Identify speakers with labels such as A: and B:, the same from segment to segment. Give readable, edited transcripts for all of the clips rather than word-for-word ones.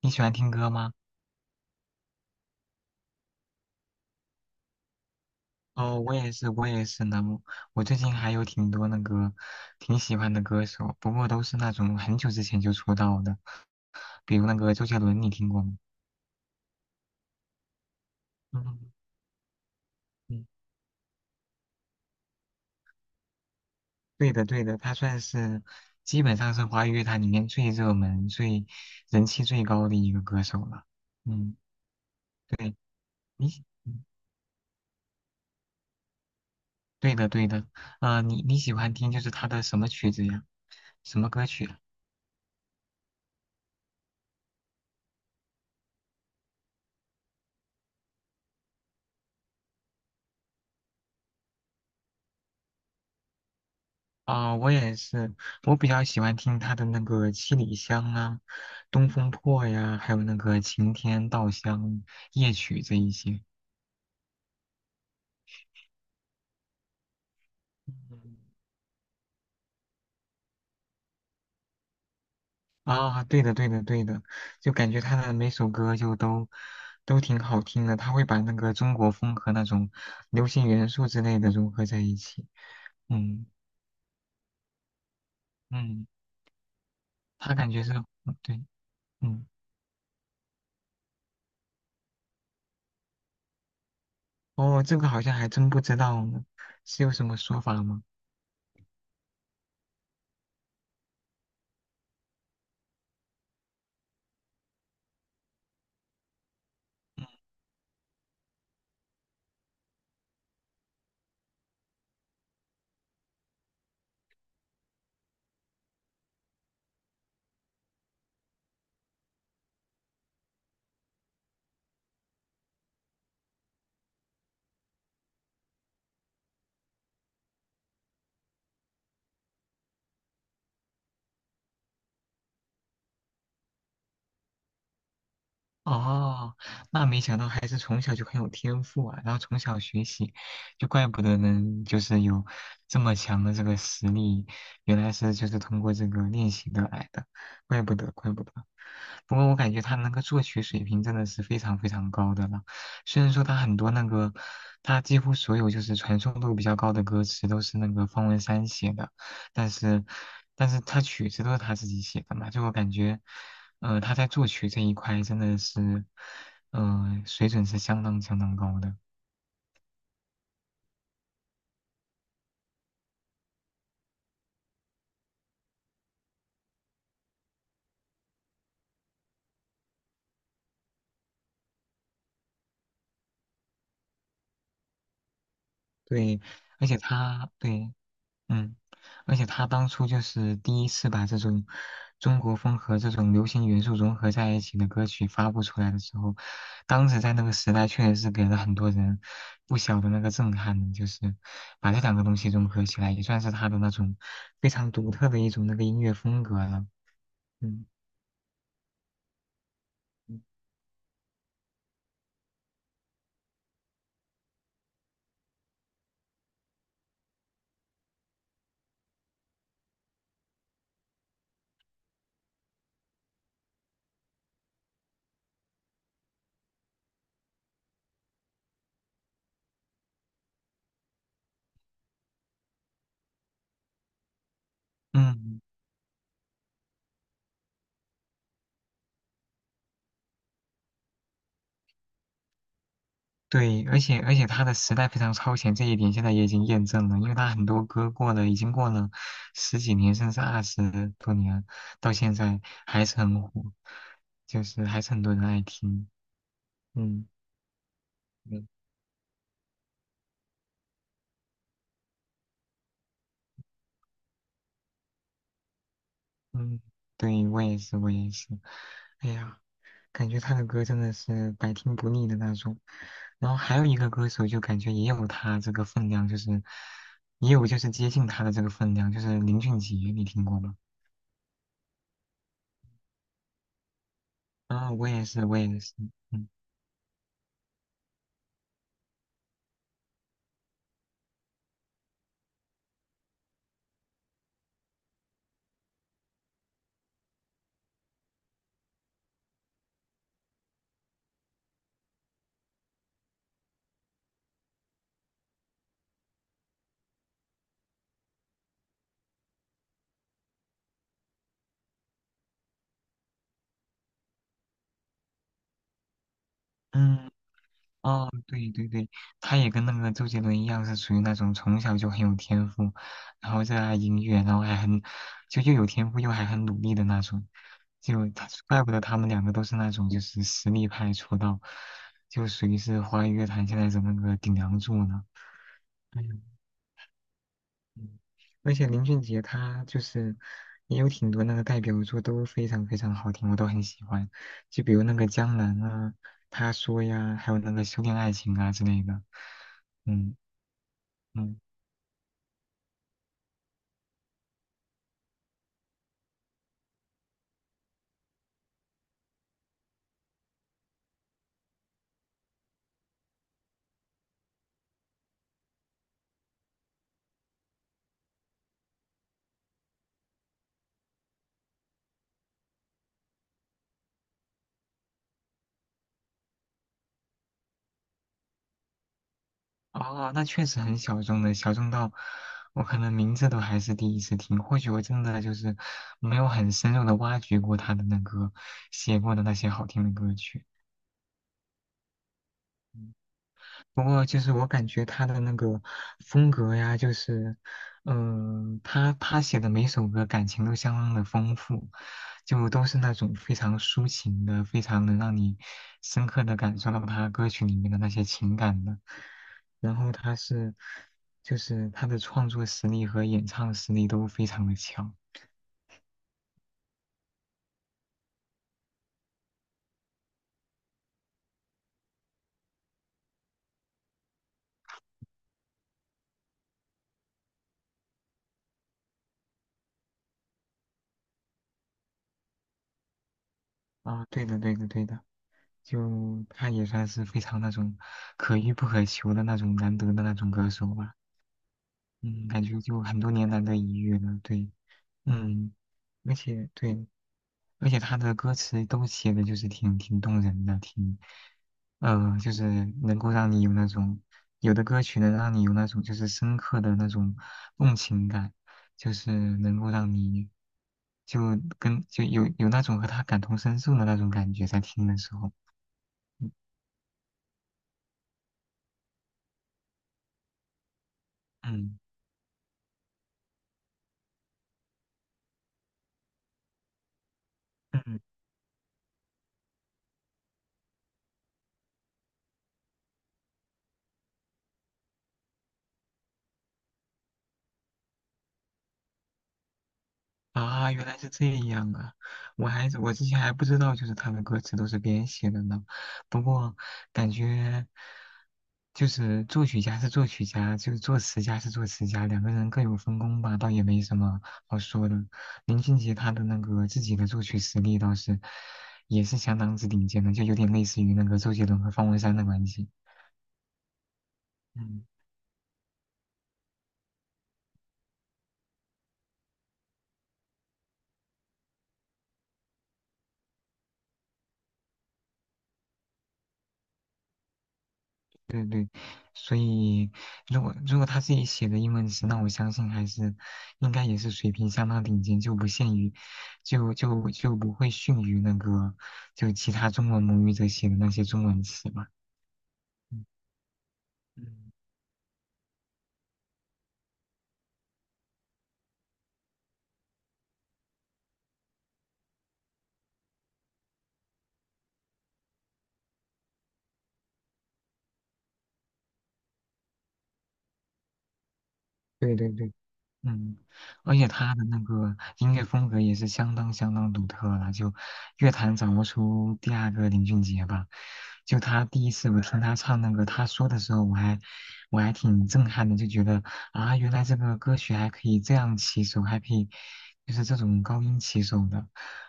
A: 你喜欢听歌吗？哦，我也是，我也是呢。我最近还有挺多那个挺喜欢的歌手，不过都是那种很久之前就出道的，比如那个周杰伦，你听过吗？嗯嗯，对的对的，他算是基本上是华语乐坛里面最热门、最人气最高的一个歌手了。嗯，对，你喜，嗯对的对的，你喜欢听他的什么曲子呀？什么歌曲啊。啊，我也是，我比较喜欢听他的那个《七里香》啊，《东风破》呀，还有那个《晴天稻香》夜曲这一些。嗯啊，对的，对的，对的，就感觉他的每首歌都挺好听的，他会把那个中国风和那种流行元素之类的融合在一起。嗯嗯，他感觉是，嗯对。嗯，哦，这个好像还真不知道呢，是有什么说法吗？哦，那没想到孩子从小就很有天赋啊，然后从小学习，就怪不得能就是有这么强的这个实力，原来是就是通过这个练习得来的，怪不得怪不得。不过我感觉他那个作曲水平真的是非常非常高的了，虽然说他很多那个，他几乎所有传颂度比较高的歌词都是那个方文山写的。但是，但是他曲子都是他自己写的嘛，就我感觉，他在作曲这一块真的是，水准是相当相当高的。对，而且他对嗯，而且他当初就是第一次把这种中国风和这种流行元素融合在一起的歌曲发布出来的时候，当时在那个时代确实是给了很多人不小的那个震撼，就是把这两个东西融合起来，也算是他的那种非常独特的一种那个音乐风格了。嗯嗯嗯，对，而且他的时代非常超前，这一点现在也已经验证了，因为他很多歌已经过了十几年，甚至二十多年，到现在还是很火，就是还是很多人爱听。嗯嗯，嗯，对，我也是，我也是。哎呀，感觉他的歌真的是百听不腻的那种。然后还有一个歌手，就感觉也有他这个分量，就是也有就是接近他的这个分量，就是林俊杰，你听过吗？啊，我也是，我也是。嗯。嗯，哦，对对对，他也跟那个周杰伦一样，是属于那种从小就很有天赋，然后热爱音乐，然后还很就又有天赋又还很努力的那种，怪不得他们两个都是那种实力派出道，就属于是华语乐坛现在的那个顶梁柱呢。嗯嗯，而且林俊杰他就是也有挺多那个代表作都非常非常好听，我都很喜欢。就比如那个《江南》啊，《他说》呀，还有那个《修炼爱情》啊之类的。嗯嗯，哦，那确实很小众的，小众到我可能名字都还是第一次听。或许我真的就是没有很深入的挖掘过他的那个写过的那些好听的歌曲。不过就是我感觉他的那个风格呀，他写的每首歌感情都相当的丰富，就都是那种非常抒情的，非常能让你深刻的感受到他歌曲里面的那些情感的。然后他是，就是他的创作实力和演唱实力都非常的强。啊，对的，对的，对的，他也算是非常那种可遇不可求的那种难得的那种歌手吧。嗯，感觉就很多年难得一遇了，对，嗯，而且对，而且他的歌词都写的就是挺挺动人的，就是能够让你有那种，有的歌曲能让你有那种深刻的那种共情感，就是能够让你就跟就有那种和他感同身受的那种感觉，在听的时候。嗯嗯。啊，原来是这样啊！我之前还不知道，他的歌词都是别人写的呢。不过感觉就是作曲家是作曲家，就是作词家是作词家，两个人各有分工吧，倒也没什么好说的。林俊杰他的那个自己的作曲实力倒是也是相当之顶尖的，就有点类似于那个周杰伦和方文山的关系。嗯。对对，所以如果他自己写的英文词，那我相信还是应该也是水平相当顶尖，就不限于，就就就不会逊于那个就其他中文母语者写的那些中文词吧。嗯，嗯，对对对。嗯，而且他的那个音乐风格也是相当相当独特了，就乐坛找不出第二个林俊杰吧。就他第一次我听他唱那个他说的时候，我还挺震撼的，就觉得啊，原来这个歌曲还可以这样起手，还可以就是这种高音起手的。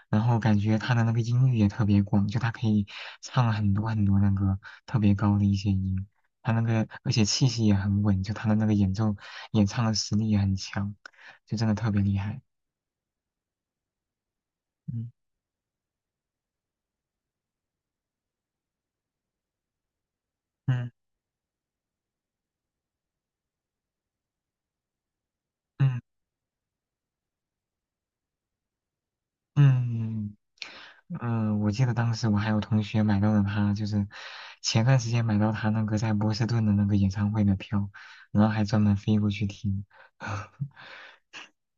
A: 然后感觉他的那个音域也特别广，就他可以唱很多很多那个特别高的一些音。他那个而且气息也很稳，就他的那个演唱的实力也很强，就真的特别厉害。嗯嗯嗯嗯我记得当时我还有同学买到了他，就是前段时间买到他那个在波士顿的那个演唱会的票，然后还专门飞过去听，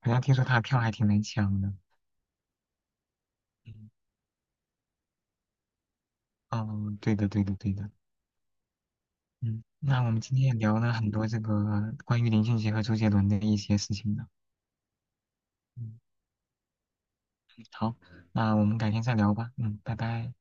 A: 好像听说他的票还挺难抢的。嗯，哦，对的对的对的。嗯，那我们今天也聊了很多这个关于林俊杰和周杰伦的一些事情呢。嗯好，那我们改天再聊吧。嗯，拜拜。